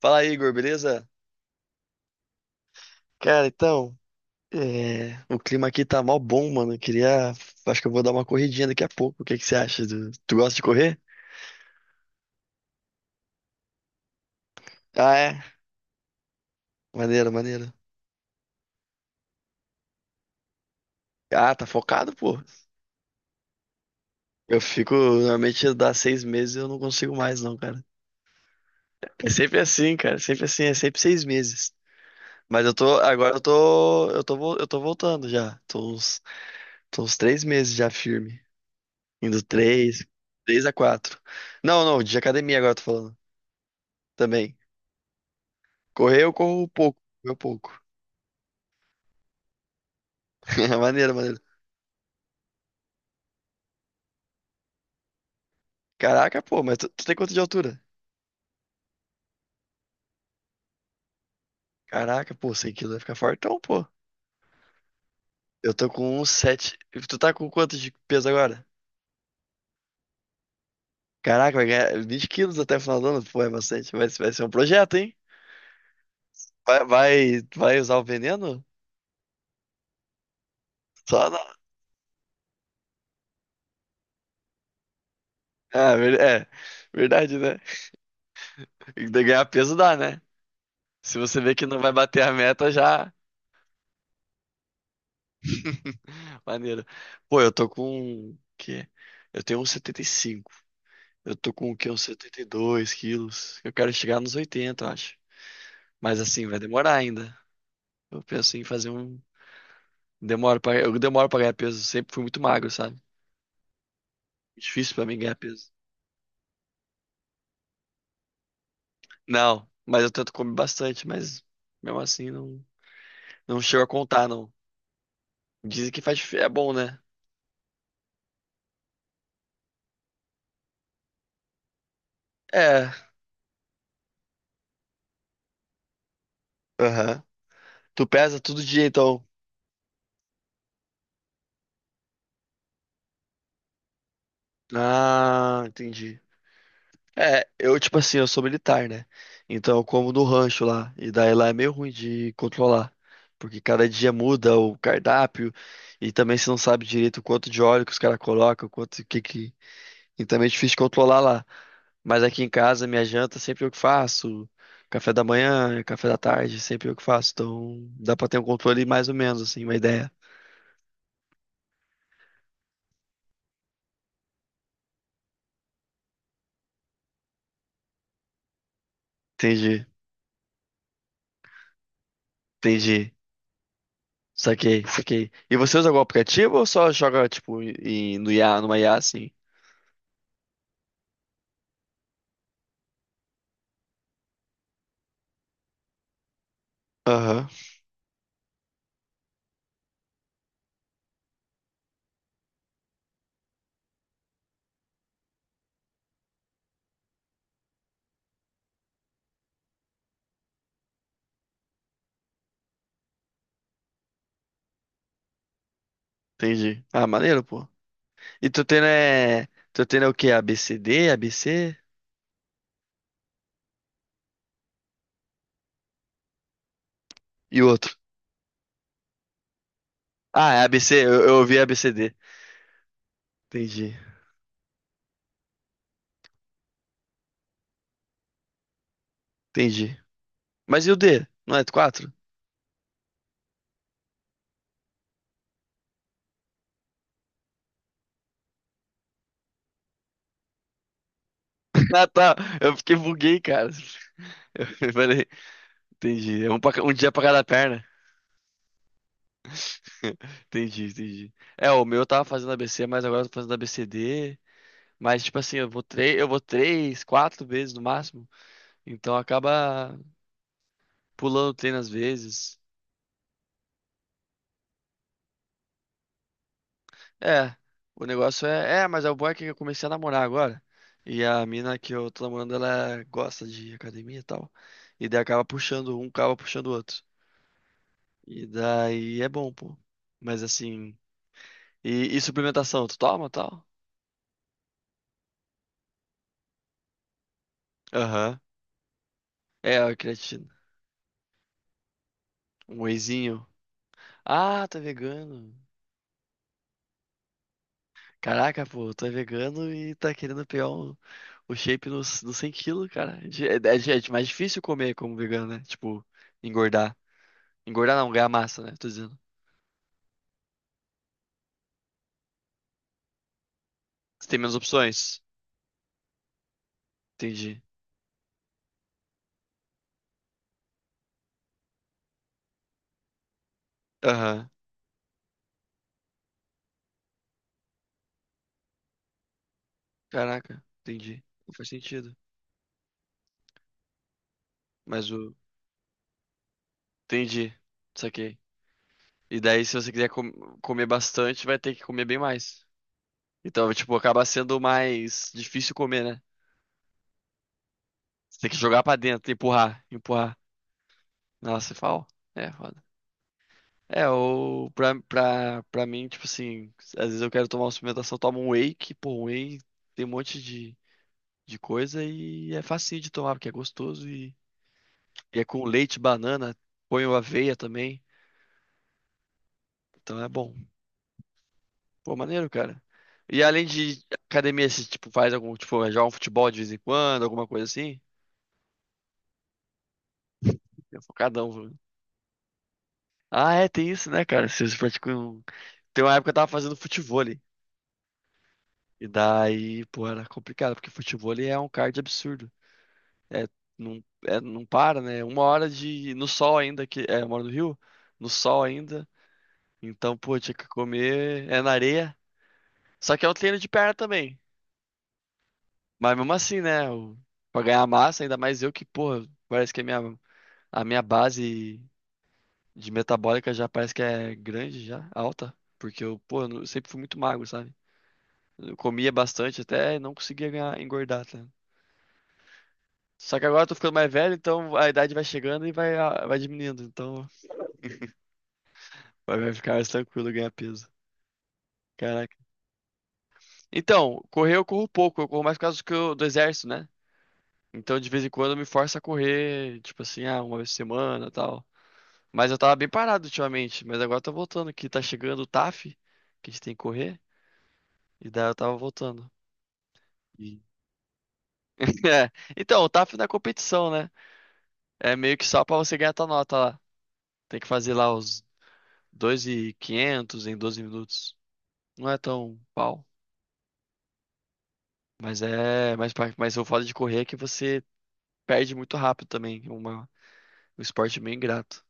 Fala aí, Igor, beleza? Cara, então, o clima aqui tá mó bom, mano. Eu queria. Acho que eu vou dar uma corridinha daqui a pouco. O que que você acha? Tu gosta de correr? Ah, é? Maneiro, maneiro. Ah, tá focado, pô. Eu fico. Normalmente dá 6 meses e eu não consigo mais, não, cara. É sempre assim, cara. Sempre assim, é sempre 6 meses. Mas eu tô. Agora eu tô. Eu tô voltando já. Tô uns 3 meses já firme. Indo três. Três a quatro. Não, não, de academia agora eu tô falando. Também. Correr eu corro um pouco, meu pouco. Maneiro, maneiro. Caraca, pô, mas tu tem quanto de altura? Caraca, pô, 100 quilos vai ficar fortão, pô. Eu tô com 1,7. E tu tá com quanto de peso agora? Caraca, vai ganhar 20 quilos até o final do ano, pô, é bastante. Vai ser um projeto, hein? Vai usar o veneno? Só não. Ah, verdade, né? E daí ganhar peso dá, né? Se você vê que não vai bater a meta, já. Maneiro. Pô, eu tô com. Que? Eu tenho um 1,75. Eu tô com o quê? Uns 72 quilos. Eu quero chegar nos 80, eu acho. Mas assim, vai demorar ainda. Eu penso em fazer um. Eu demoro pra ganhar peso. Sempre fui muito magro, sabe? Difícil pra mim ganhar peso. Não, mas eu tento comer bastante, mas mesmo assim não, não chego a contar, não. Dizem que é bom, né? É. Aham. Tu pesa todo dia, então. Ah, entendi. É, eu, tipo assim, eu sou militar, né? Então eu como no rancho lá. E daí lá é meio ruim de controlar. Porque cada dia muda o cardápio. E também você não sabe direito o quanto de óleo que os caras colocam, quanto o que que. E também é difícil de controlar lá. Mas aqui em casa, minha janta sempre eu que faço. Café da manhã, café da tarde, sempre eu que faço. Então dá pra ter um controle mais ou menos, assim, uma ideia. Entendi, entendi. Saquei, saquei. E você usa algum aplicativo ou só joga, tipo, no IA, numa IA assim? Aham. Entendi. Ah, maneiro, pô. E tu tendo é. Tu tendo é o quê? ABCD, ABC e o outro. Ah, é a ABC, eu ouvi ABCD. Entendi, entendi. Mas e o D? Não é 4? Ah, tá. Eu fiquei buguei, cara. Eu falei, entendi. É um dia pra cada perna. Entendi, entendi. É, o meu eu tava fazendo ABC, mas agora eu tô fazendo ABCD. Mas, tipo assim, eu vou três, quatro vezes no máximo. Então acaba pulando treino às vezes. É, o negócio é. É, mas é o bom é que eu comecei a namorar agora. E a mina que eu tô namorando, ela gosta de academia e tal. E daí um acaba puxando o outro. E daí é bom, pô. Mas assim. E suplementação, tu toma tal? Aham. É, a creatina. Um wheyzinho. Ah, tá vegano. Caraca, pô, tu é vegano e tá querendo pegar o shape nos 100 quilos, cara. É mais difícil comer como vegano, né? Tipo, engordar. Engordar não, ganhar massa, né? Tô dizendo. Você tem menos opções. Entendi. Aham. Caraca, entendi. Não faz sentido. Mas o. Entendi. Saquei. E daí, se você quiser comer bastante, vai ter que comer bem mais. Então, tipo, acaba sendo mais difícil comer, né? Você tem que jogar pra dentro, empurrar, empurrar. Nossa, fala. É, foda. É, ou pra mim, tipo assim, às vezes eu quero tomar uma suplementação, eu tomo um whey, que, pô, um whey tem um monte de coisa e é facinho de tomar, porque é gostoso e. E é com leite, banana, ponho aveia também. Então é bom. Pô, maneiro, cara. E além de academia, você, tipo, faz algum, tipo, joga um futebol de vez em quando, alguma coisa assim? É focadão, viu? Ah, é, tem isso, né, cara? Vocês praticam... Tem uma época que eu tava fazendo futevôlei. E daí, pô, era complicado, porque futevôlei é um cardio absurdo. É, não, é, não para, né? Uma hora de... No sol ainda, que... É, eu moro no Rio. No sol ainda. Então, pô, tinha que comer... É na areia. Só que é um treino de perna também. Mas mesmo assim, né? Pra ganhar massa, ainda mais eu que, porra, parece que a minha base de metabólica já parece que é grande, já, alta. Porque eu, pô, eu não- sempre fui muito magro, sabe? Eu comia bastante até e não conseguia ganhar, engordar, tá? Só que agora eu tô ficando mais velho, então a idade vai chegando e vai diminuindo. Então vai ficar mais tranquilo ganhar peso. Caraca. Então, correr eu corro pouco, eu corro mais por causa que do exército, né? Então de vez em quando eu me forço a correr, tipo assim, uma vez por semana e tal. Mas eu tava bem parado ultimamente, mas agora eu tô voltando, que tá chegando o TAF, que a gente tem que correr, e daí eu tava voltando. E- É, então, o TAF não é competição, né? É meio que só pra você ganhar tua nota lá. Tem que fazer lá os 2.500 em 12 minutos. Não é tão pau, mas o foda de correr é que você perde muito rápido também, é um esporte meio ingrato.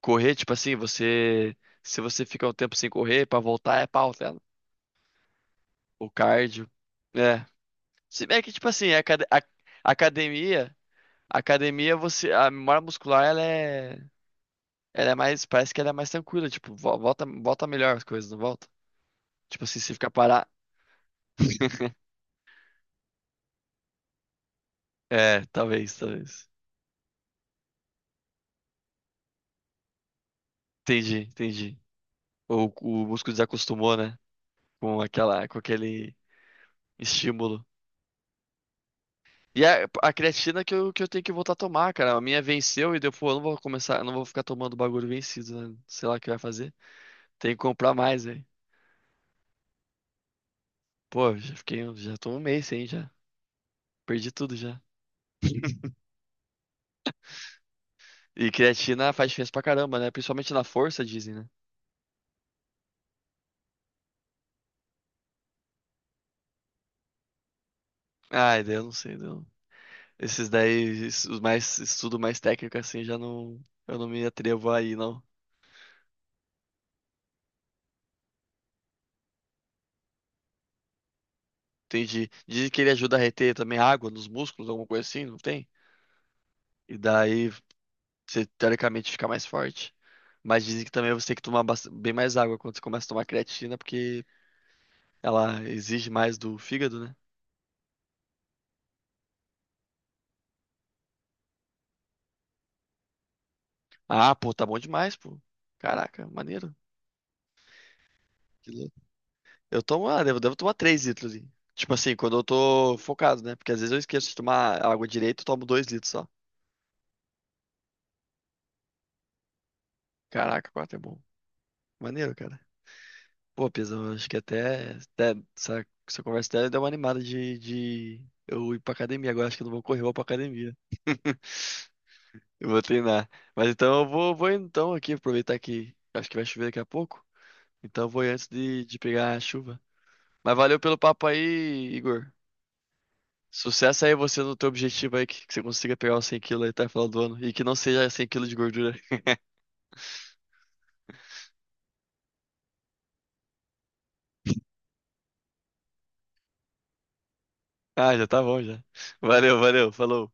Correr, tipo assim, se você fica um tempo sem correr, pra voltar é pau, tá ligado? O cardio. É. Se bem que, tipo assim, a, acad- a- academia, academia, você, a memória muscular, ela é, mais, parece que ela é mais tranquila, tipo, volta melhor as coisas, não volta? Tipo assim, se ficar parar, é, talvez, talvez. Entendi, entendi. O músculo desacostumou, né, com aquele estímulo. E a creatina que eu tenho que voltar a tomar, cara, a minha venceu e deu, pô, eu não vou começar, eu não vou ficar tomando bagulho vencido, né, sei lá o que vai fazer. Tem que comprar mais, velho. Pô, já fiquei, já tô um mês sem já. Perdi tudo já. E creatina faz diferença pra caramba, né? Principalmente na força, dizem, né? Ai, daí eu não sei, não. Esses daí, os mais estudo mais técnico assim, já não, eu não me atrevo aí, não. Entendi. Dizem que ele ajuda a reter também água nos músculos, alguma coisa assim, não tem? E daí você teoricamente fica mais forte. Mas dizem que também você tem que tomar bem mais água quando você começa a tomar creatina, porque ela exige mais do fígado, né? Ah, pô, tá bom demais, pô. Caraca, maneiro. Eu tomo, devo tomar 3 litros, hein? Tipo assim, quando eu tô focado, né? Porque às vezes eu esqueço de tomar água direito, eu tomo 2 litros só. Caraca, 4 é bom. Maneiro, cara. Pô, Pizão, eu acho que até essa conversa até deu uma animada de eu ir pra academia. Agora acho que eu não vou correr, eu vou pra academia. Eu vou treinar. Mas então eu vou indo então aqui, aproveitar que acho que vai chover daqui a pouco. Então eu vou ir antes de pegar a chuva. Mas valeu pelo papo aí, Igor. Sucesso aí você no teu objetivo aí, que você consiga pegar os 100 quilos aí até o final do ano. E que não seja 100 quilos de gordura. Ah, já tá bom já. Valeu, valeu, falou.